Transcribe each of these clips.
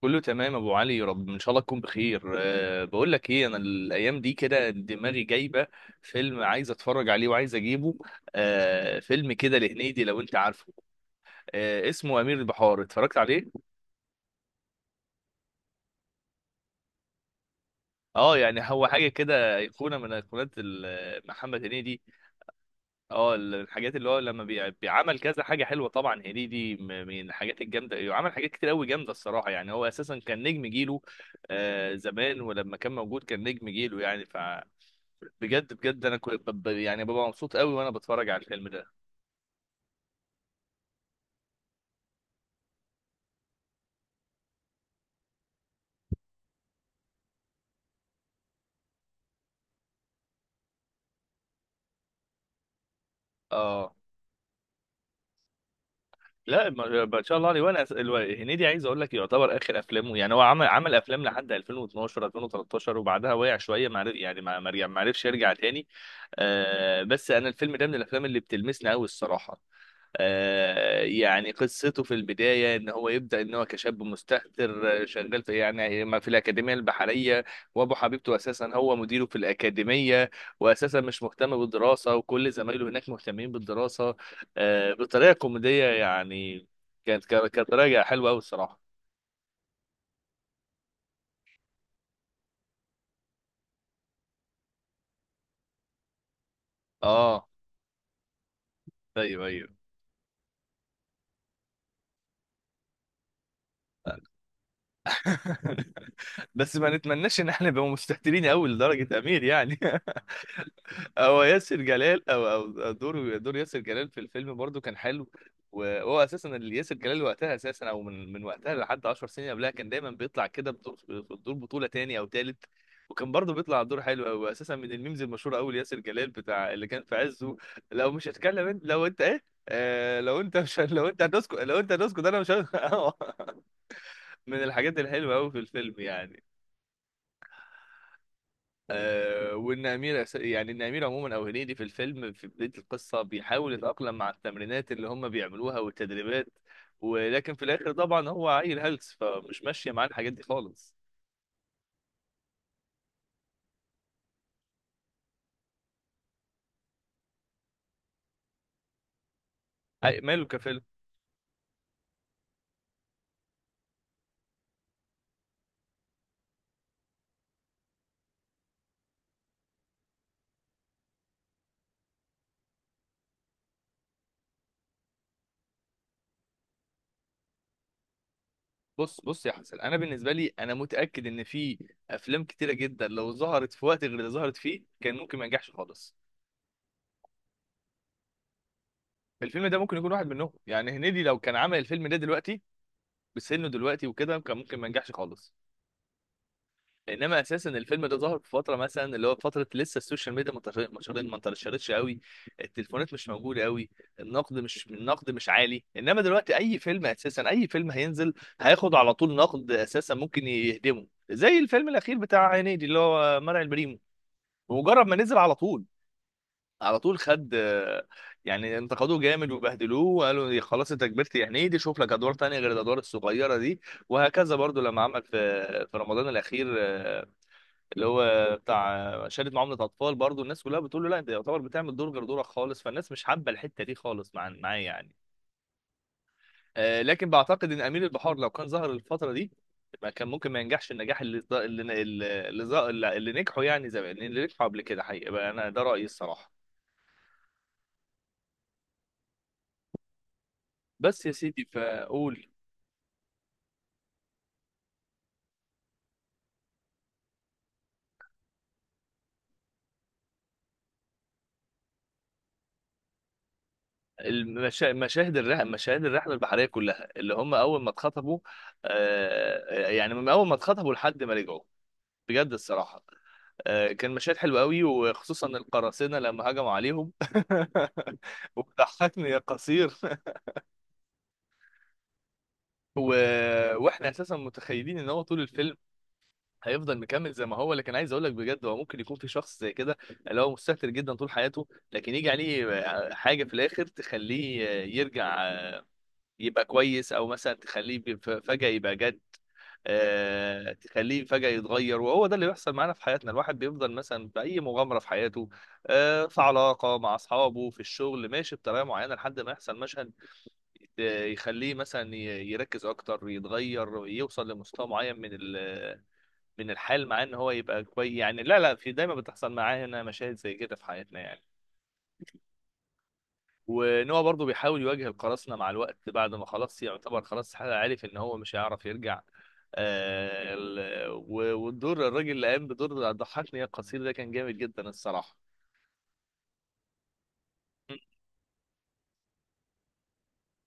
كله تمام يا ابو علي، رب ان شاء الله تكون بخير. بقول لك ايه، انا الايام دي كده دماغي جايبه فيلم عايز اتفرج عليه وعايز اجيبه. فيلم كده لهنيدي، لو انت عارفه. اسمه امير البحار، اتفرجت عليه؟ اه، يعني هو حاجه كده ايقونه من ايقونات محمد هنيدي. اه، الحاجات اللي هو لما بيعمل كذا حاجه حلوه، طبعا هنيدي من الحاجات الجامده، عمل حاجات كتير قوي جامده الصراحه. يعني هو اساسا كان نجم جيله، زمان، ولما كان موجود كان نجم جيله يعني. بجد بجد انا كنت يعني ببقى مبسوط قوي وانا بتفرج على الفيلم ده. اه، لا ما شاء الله عليه. وانا هنيدي عايز اقول لك يعتبر اخر افلامه، يعني هو عمل افلام لحد 2012 2013، وبعدها وقع شويه، ما عرف- يعني ما عرفش يرجع تاني. بس انا الفيلم ده من الافلام اللي بتلمسني قوي الصراحه. يعني قصته في البداية إن هو يبدأ إن هو كشاب مستهتر، شغال في يعني ما في الأكاديمية البحرية. وأبو حبيبته أساسا هو مديره في الأكاديمية، وأساسا مش مهتم بالدراسة وكل زمايله هناك مهتمين بالدراسة، بطريقة كوميدية يعني. كانت طريقة حلوة أوي الصراحة. أه أيوه أيوه. بس ما نتمناش إن احنا نبقى مستهترين أوي لدرجة أمير يعني. هو ياسر جلال، او دور ياسر جلال في الفيلم، برضو كان حلو. وهو اساسا اللي ياسر جلال وقتها اساسا، او من وقتها لحد 10 سنين قبلها، كان دايما بيطلع كده بدور في دور بطوله تاني او تالت. وكان برضه بيطلع دور حلو قوي. اساسا من الميمز المشهوره قوي ياسر جلال بتاع اللي كان في عزه: لو مش هتكلم انت، لو انت ايه، لو انت مش، لو انت هتسكت، لو انت هتسكت انا مش من الحاجات الحلوه قوي في الفيلم يعني. وان امير يعني ان امير عموما او هنيدي في الفيلم في بدايه القصه بيحاول يتاقلم مع التمرينات اللي هم بيعملوها والتدريبات. ولكن في الاخر طبعا هو عيل هلس، فمش ماشيه معاه الحاجات دي خالص. ماله كفيلم؟ بص بص يا حسن، انا بالنسبه لي انا متاكد ان في افلام كتيره جدا لو ظهرت في وقت غير اللي ظهرت فيه كان ممكن ما ينجحش خالص. الفيلم ده ممكن يكون واحد منهم يعني. هنيدي لو كان عمل الفيلم ده دلوقتي بسنه دلوقتي وكده كان ممكن ما ينجحش خالص. انما اساسا الفيلم ده ظهر في فتره، مثلا اللي هو فتره لسه السوشيال ميديا ما انتشرتش قوي، التليفونات مش موجوده قوي، النقد مش عالي. انما دلوقتي اي فيلم، اساسا اي فيلم هينزل هياخد على طول نقد، اساسا ممكن يهدمه، زي الفيلم الاخير بتاع هنيدي اللي هو مرعي البريمو. بمجرد ما نزل، على طول على طول خد، يعني انتقدوه جامد وبهدلوه وقالوا يا خلاص انت كبرت يا هنيدي، شوف لك ادوار تانية غير الادوار الصغيره دي. وهكذا برضو لما عمل في رمضان الاخير اللي هو بتاع شهاده معامله اطفال، برضو الناس كلها بتقول له لا انت يعتبر بتعمل دور غير دورك خالص، فالناس مش حابه الحته دي خالص مع معاه يعني. لكن بعتقد ان امير البحار لو كان ظهر الفتره دي ما كان ممكن ما ينجحش النجاح اللي نجحوا يعني، زمان اللي نجحوا قبل كده حقيقه، بقى انا ده رايي الصراحه. بس يا سيدي، فاقول مشاهد الرحله، مشاهد الرحله البحريه كلها، اللي هم اول ما اتخطبوا. يعني من اول ما اتخطبوا لحد ما رجعوا بجد الصراحه. كان مشهد حلو قوي، وخصوصا القراصنة لما هجموا عليهم وضحكني يا قصير و... واحنا اساسا متخيلين ان هو طول الفيلم هيفضل مكمل زي ما هو. لكن عايز اقول لك بجد، هو ممكن يكون في شخص زي كده اللي هو مستهتر جدا طول حياته، لكن يجي عليه حاجة في الاخر تخليه يرجع يبقى كويس. او مثلا تخليه فجأة يبقى جد، تخليه فجأة يتغير. وهو ده اللي بيحصل معانا في حياتنا، الواحد بيفضل مثلا بأي مغامرة في حياته، في علاقة مع أصحابه في الشغل، ماشي بطريقة معينة لحد ما يحصل مشهد يخليه مثلا يركز أكتر، يتغير، يوصل لمستوى معين من الحال، مع إن هو يبقى كويس يعني. لا لا، في دايما بتحصل معانا مشاهد زي كده في حياتنا يعني. ونوع برضه بيحاول يواجه القراصنة مع الوقت، بعد ما خلاص يعتبر خلاص عارف ان هو مش هيعرف يرجع. والدور، الراجل اللي قام بدور ضحكني يا القصير ده كان جامد جدا الصراحة.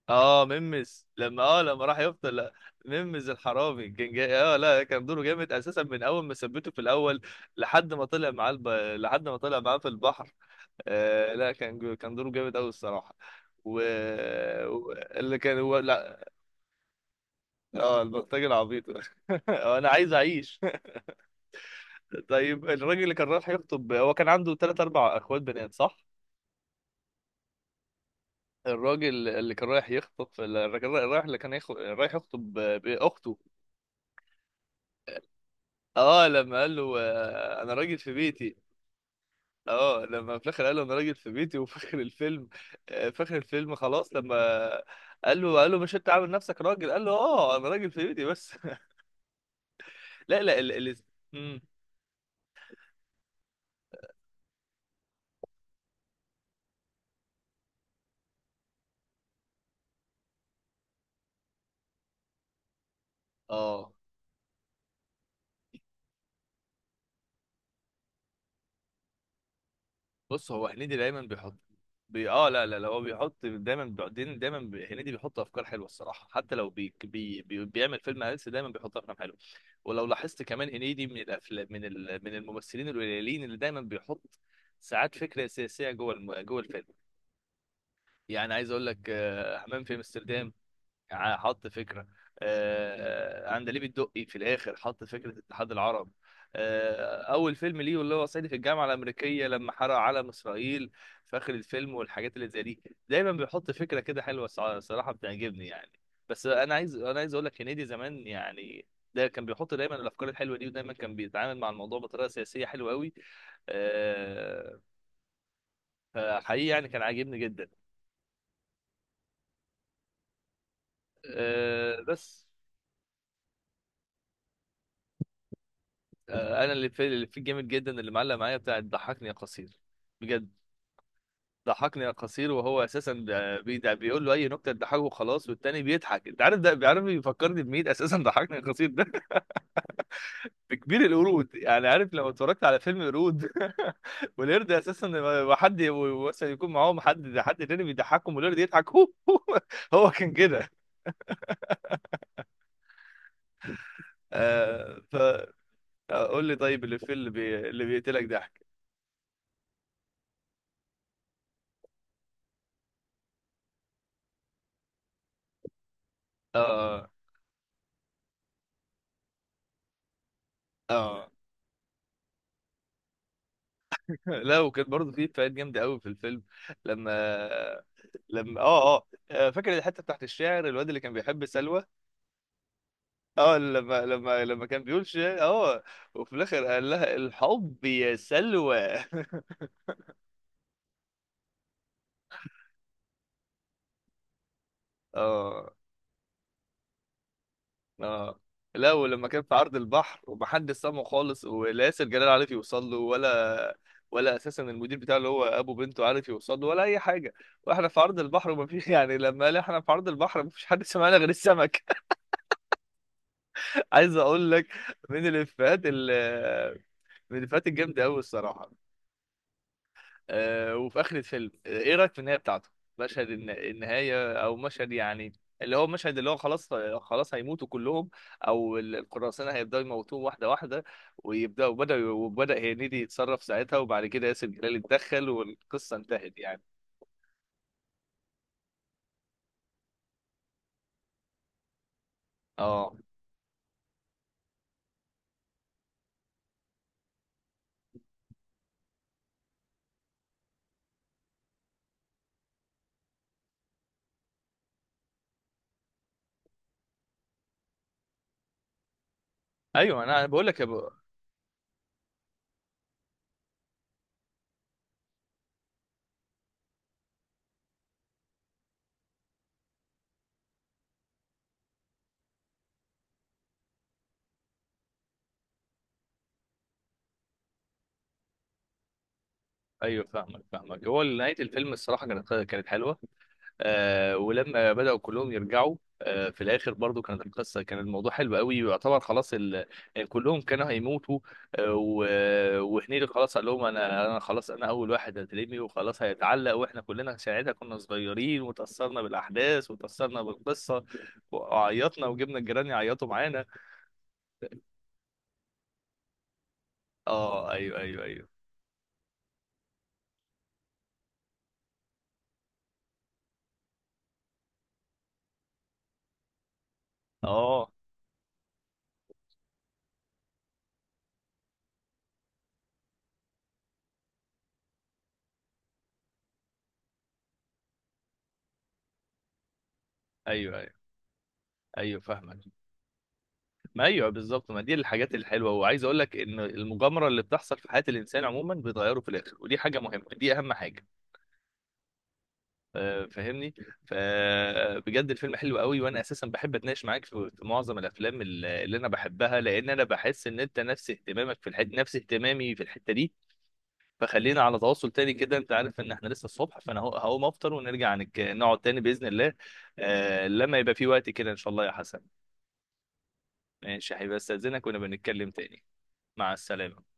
اه، ممس، لما لما راح يفطر، لا، ممس الحرامي كان جاي، اه، لا، كان دوره جامد اساسا من اول ما ثبته في الاول لحد ما طلع معاه لحد ما طلع معاه في البحر. لا، كان كان دوره جامد قوي الصراحه. و... اللي كان هو، اه البلطجي العبيط. انا عايز اعيش. طيب الراجل اللي كان رايح يخطب، هو كان عنده ثلاث اربع اخوات بنات صح؟ الراجل اللي كان رايح يخطب، الراجل رايح اللي كان رايح يخطب باخته، اه، لما قال له انا راجل في بيتي. اه، لما في الاخر قال له انا راجل في بيتي، وفي اخر الفيلم في اخر الفيلم خلاص، لما قال له مش انت عامل نفسك راجل، قال له اه انا راجل في بيتي بس. لا لا مم. اه، بص، هو هنيدي دايما بيحط، بي... اه لا لا لا، هو بيحط دايما بعدين، دايما، هنيدي بيحط افكار حلوه الصراحه. حتى لو بيعمل فيلم هلس دايما بيحط افلام حلوه. ولو لاحظت كمان، هنيدي من الافلام، من من الممثلين القليلين اللي دايما بيحط ساعات فكره سياسيه جوه جوه الفيلم. يعني عايز اقول لك، حمام في امستردام حط فكرة، عندليب الدقي في الآخر حط فكرة اتحاد العرب، أول فيلم ليه اللي هو صعيدي في الجامعة الأمريكية لما حرق علم إسرائيل في آخر الفيلم، والحاجات اللي زي دي. دايما بيحط فكرة كده حلوة، صراحة بتعجبني يعني. بس أنا عايز، أقول لك هنيدي زمان يعني ده كان بيحط دايما الأفكار الحلوة دي، ودايما كان بيتعامل مع الموضوع بطريقة سياسية حلوة قوي. آه، فحقيقي يعني كان عاجبني جدا. بس، انا اللي في الجامد جدا اللي معلق معايا بتاع ضحكني يا قصير بجد. ضحكني يا قصير، وهو اساسا بيقول له اي نكته تضحكه وخلاص والتاني بيضحك. انت عارف ده بيعرف بيفكرني بمين اساسا ضحكني يا قصير ده؟ بكبير القرود. يعني عارف لو اتفرجت على فيلم قرود، والقرد اساسا لما حد، مثلا يكون معاهم حد، تاني بيضحكهم والقرد يضحك. هو هو كان كده. آه فقول لي طيب، اللي في اللي, بي... اللي بيقتلك ضحك. اه اه، لا، وكانت برضه في افيهات جامده قوي في الفيلم. لما لما اه اه آه، فاكر الحته بتاعت الشعر، الواد اللي كان بيحب سلوى؟ اه، لما لما لما كان بيقول شعر، اه. وفي الاخر قال لها الحب يا سلوى. اه اه، لا، ولما كان في عرض البحر ومحدش سامعه خالص، ولا ياسر جلال عارف يوصل له ولا، ولا اساسا المدير بتاعه اللي هو ابو بنته عارف يوصل له ولا اي حاجه. واحنا في عرض البحر وما في، يعني لما قال احنا في عرض البحر ما فيش حد سمعنا غير السمك. عايز اقول لك من الافيهات ال- من الافيهات الجامده قوي الصراحه. وفي اخر الفيلم، ايه رايك في النهايه بتاعته؟ مشهد النهايه، او مشهد يعني، اللي هو مشهد، اللي هو خلاص، خلاص هيموتوا كلهم، او القراصنه هيبداوا يموتوهم واحده واحده، ويبداوا وبدا وبدا هنيدي يتصرف ساعتها، وبعد كده ياسر جلال اتدخل، والقصه انتهت يعني. اه ايوه، انا بقول لك ايوه، فاهمك فاهمك، هو نهايه الفيلم الصراحه كانت حلوه. ولما بدأوا كلهم يرجعوا في الآخر برضو، كانت القصة، كان الموضوع حلو قوي، ويعتبر خلاص يعني كلهم كانوا هيموتوا، آه و... وهنيدي خلاص قال لهم أنا، خلاص أنا أول واحد هترمي وخلاص هيتعلق، وإحنا كلنا ساعتها كنا صغيرين، وتأثرنا بالأحداث وتأثرنا بالقصة، وعيطنا وجبنا الجيران يعيطوا معانا. آه أيوه أيوه أيوه، آه أيوه أيوه أيوه، فاهمك. ما ايوه بالظبط، ما دي الحاجات الحلوه. وعايز اقول لك ان المغامره اللي بتحصل في حياه الانسان عموما بتغيره في الاخر، ودي حاجه مهمه، دي اهم حاجه. فاهمني. فبجد الفيلم حلو قوي. وانا اساسا بحب اتناقش معاك في معظم الافلام اللي انا بحبها، لان انا بحس ان انت نفس اهتمامك في الحته، نفس اهتمامي في الحته دي. فخلينا على تواصل تاني كده، انت عارف ان احنا لسه الصبح، فانا هقوم افطر ونرجع نقعد تاني باذن الله. لما يبقى في وقت كده ان شاء الله يا حسن. ماشي، هيبقى استاذنك ونبقى نتكلم تاني. مع السلامه.